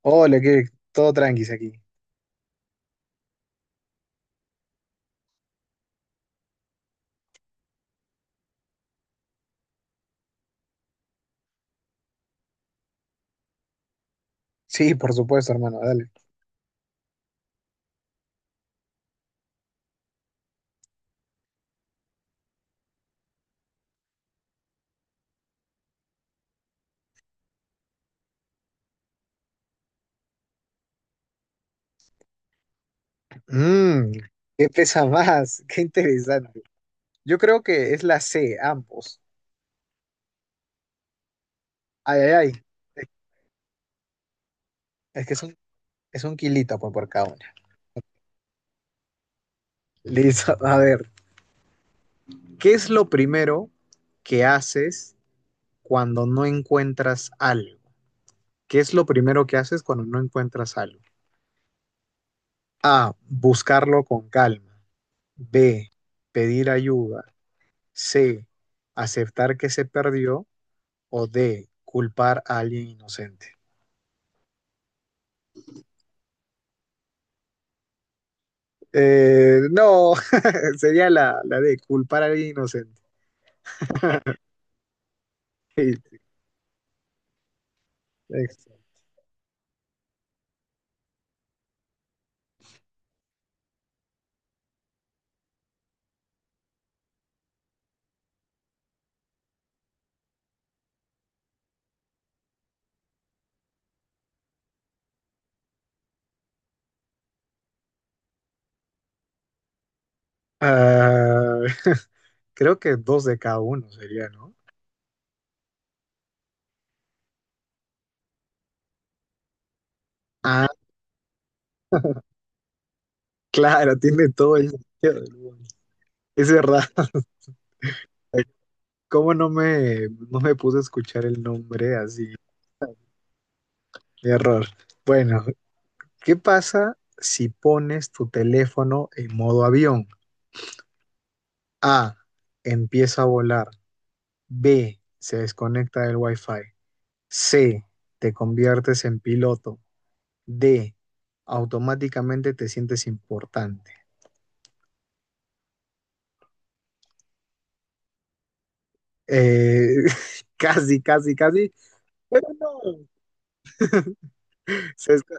Hola, que todo tranquis aquí. Sí, por supuesto, hermano, dale. Mmm, ¿Qué pesa más? Qué interesante. Yo creo que es la C, ambos. Ay, ay, ay. Es es que es un, es un kilito pues, por cada una. Listo, a ver. ¿Qué es lo primero que haces cuando no encuentras algo? ¿Qué es lo primero que haces cuando no encuentras algo? A, buscarlo con calma. B, pedir ayuda. C, aceptar que se perdió, o D, ¿culpar a alguien inocente? No, sería la D, culpar a alguien inocente. Sí, next. Ah, creo que dos de cada uno sería, ¿no? Ah, claro, tiene todo el sentido del mundo. Es verdad. ¿Cómo no me puse a escuchar el nombre así? Error. Bueno, ¿qué pasa si pones tu teléfono en modo avión? A, empieza a volar. B, se desconecta del Wi-Fi. C, te conviertes en piloto. D, automáticamente te sientes importante. Eh, casi, casi, casi, pero no. Se, desco-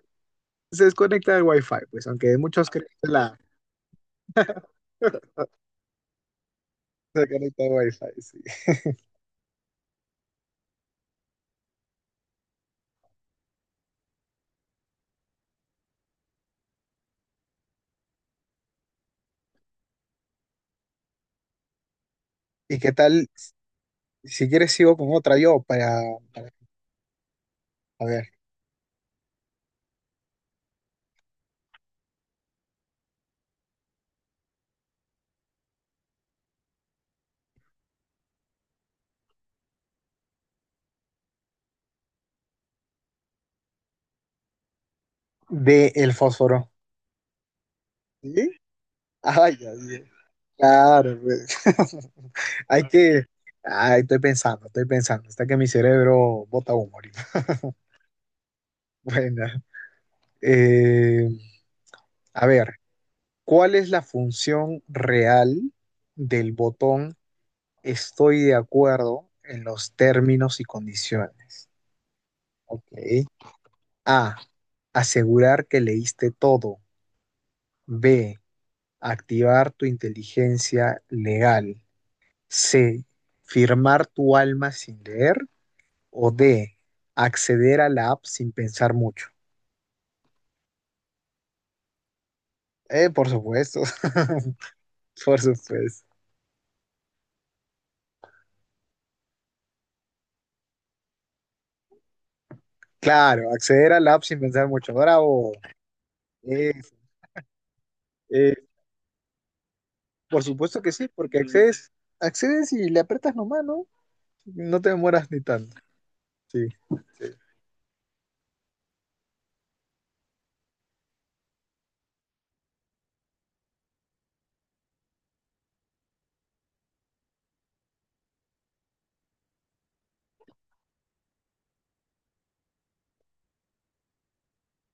se desconecta del Wi-Fi, pues, aunque muchos creen que la se desconecta del Wi-Fi, sí. ¿Y qué tal? Si quieres sigo con otra yo para, para- a ver. De el fósforo. ¿Sí? Ay, ya, ya. Claro, pues. Hay que… Ay, estoy pensando. Hasta que mi cerebro bota humo ahorita. Bueno, eh, a ver, ¿cuál es la función real del botón estoy de acuerdo en los términos y condiciones? Ok. A, asegurar que leíste todo. B, activar tu inteligencia legal. C, firmar tu alma sin leer. O D, acceder a la app sin pensar mucho. Por supuesto, por supuesto. Claro, acceder al app sin pensar mucho. Bravo. Es- eh, por supuesto que sí, porque accedes y le aprietas nomás, ¿no? No te demoras ni tanto. Sí, sí.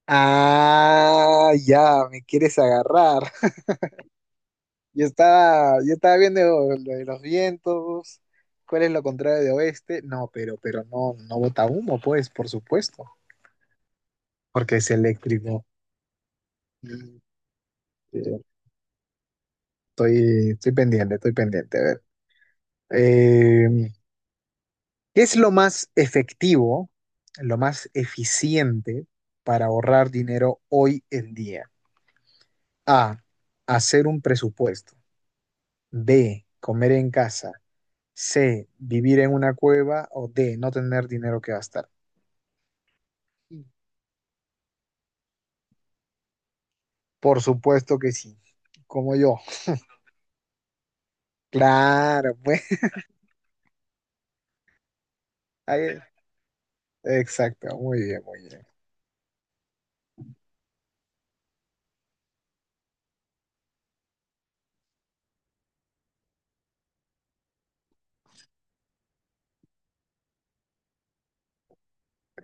Ah, ya, me quieres agarrar. Yo estaba viendo lo de los vientos. ¿Cuál es lo contrario de oeste? No, pero no, no bota humo, pues, por supuesto, porque es eléctrico. Mm, eh, estoy pendiente, estoy pendiente. A ver. Eh, ¿Qué es lo más efectivo, lo más eficiente para ahorrar dinero hoy en día? A, hacer un presupuesto. B, comer en casa. C, vivir en una cueva. O D, no tener dinero que gastar. Por supuesto que sí. Como yo. Claro, pues. ahí- Exacto. Muy bien, muy bien.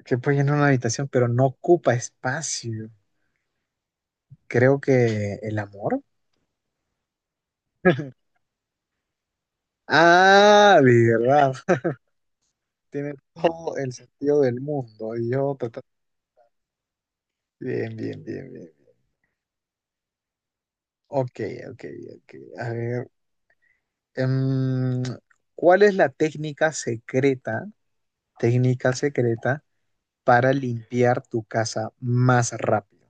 Que puede llenar una habitación, pero no ocupa espacio. Creo que el amor. Ah, de verdad. Tiene todo el sentido del mundo. Y yo, bien, bien, bien, bien. Ok, ok, ok. A ver, em, ¿cuál es la técnica secreta para limpiar tu casa más rápido?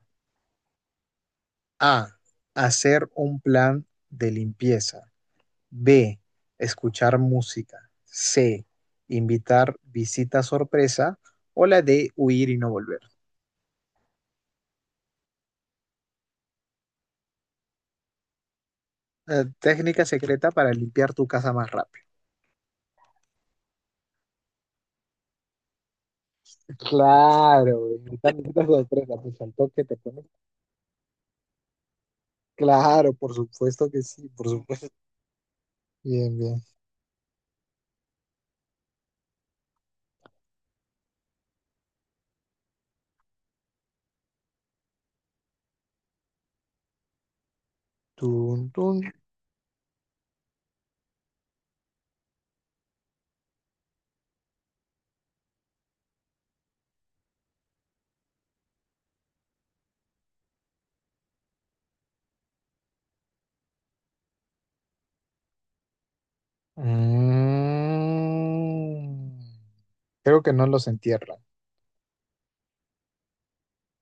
A, hacer un plan de limpieza. B, escuchar música. C, invitar visita sorpresa. O la D, huir y no volver. Técnica secreta para limpiar tu casa más rápido. Claro, güey, ahorita necesitas sorpresa, pues al toque te pones. Claro, por supuesto que sí, por supuesto. Bien, bien. Tun, tun. Mm. Creo que no los entierran.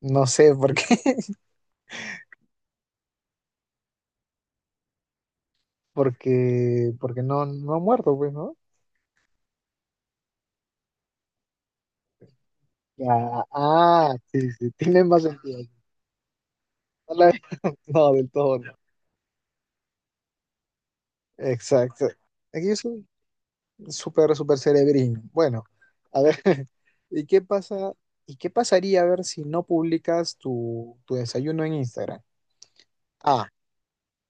No sé por qué, porque no, no ha muerto, pues, ¿no? Ya, ah, sí, sí, tiene más sentido. No, no, del todo no. Exacto. Aquí es súper, súper cerebrín. Bueno, a ver, ¿y qué pasa? ¿Y qué pasaría a ver si no publicas tu desayuno en Instagram? A,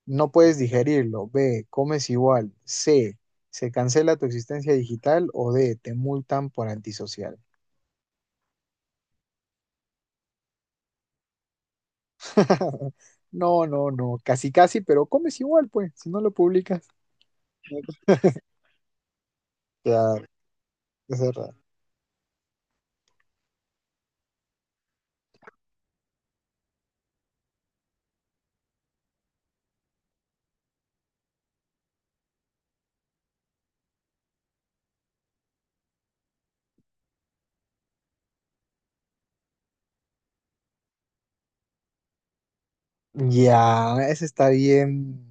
no puedes digerirlo. B, comes igual. C, se cancela tu existencia digital. O D, te multan por antisocial. No, no, no, casi, casi, pero comes igual, pues, si no lo publicas. Claro, es verdad. Ya, esa está bien,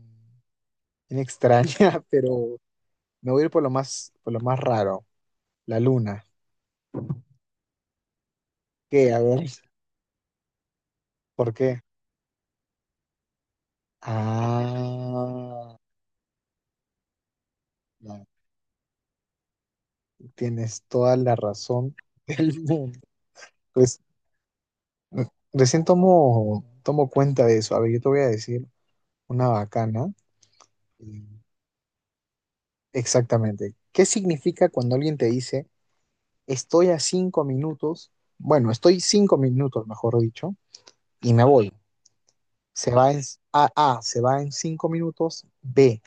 bien extraña, pero me voy a ir por lo más raro. La luna. ¿Qué? A ver, ¿por qué? Ah, ya, tienes toda la razón del mundo. Pues recién tomo cuenta de eso. A ver, yo te voy a decir una bacana. Y Exactamente. ¿Qué significa cuando alguien te dice, estoy a 5 minutos? Bueno, estoy 5 minutos, mejor dicho, y me voy. Se va en A, se va en 5 minutos, B,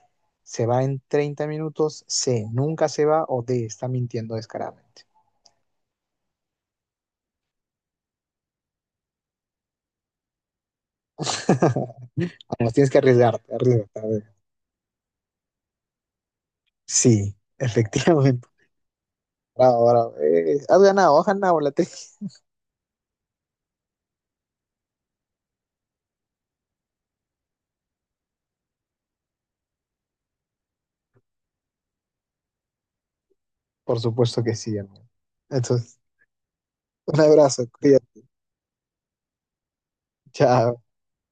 se va en 30 minutos, C, nunca se va o D, está mintiendo descaradamente. Vamos, tienes que arriesgarte. A ver. Sí, efectivamente. Bravo, bravo. Has ganado la tesis. Por supuesto que sí, hermano. Entonces, un abrazo, cuídate. Chao.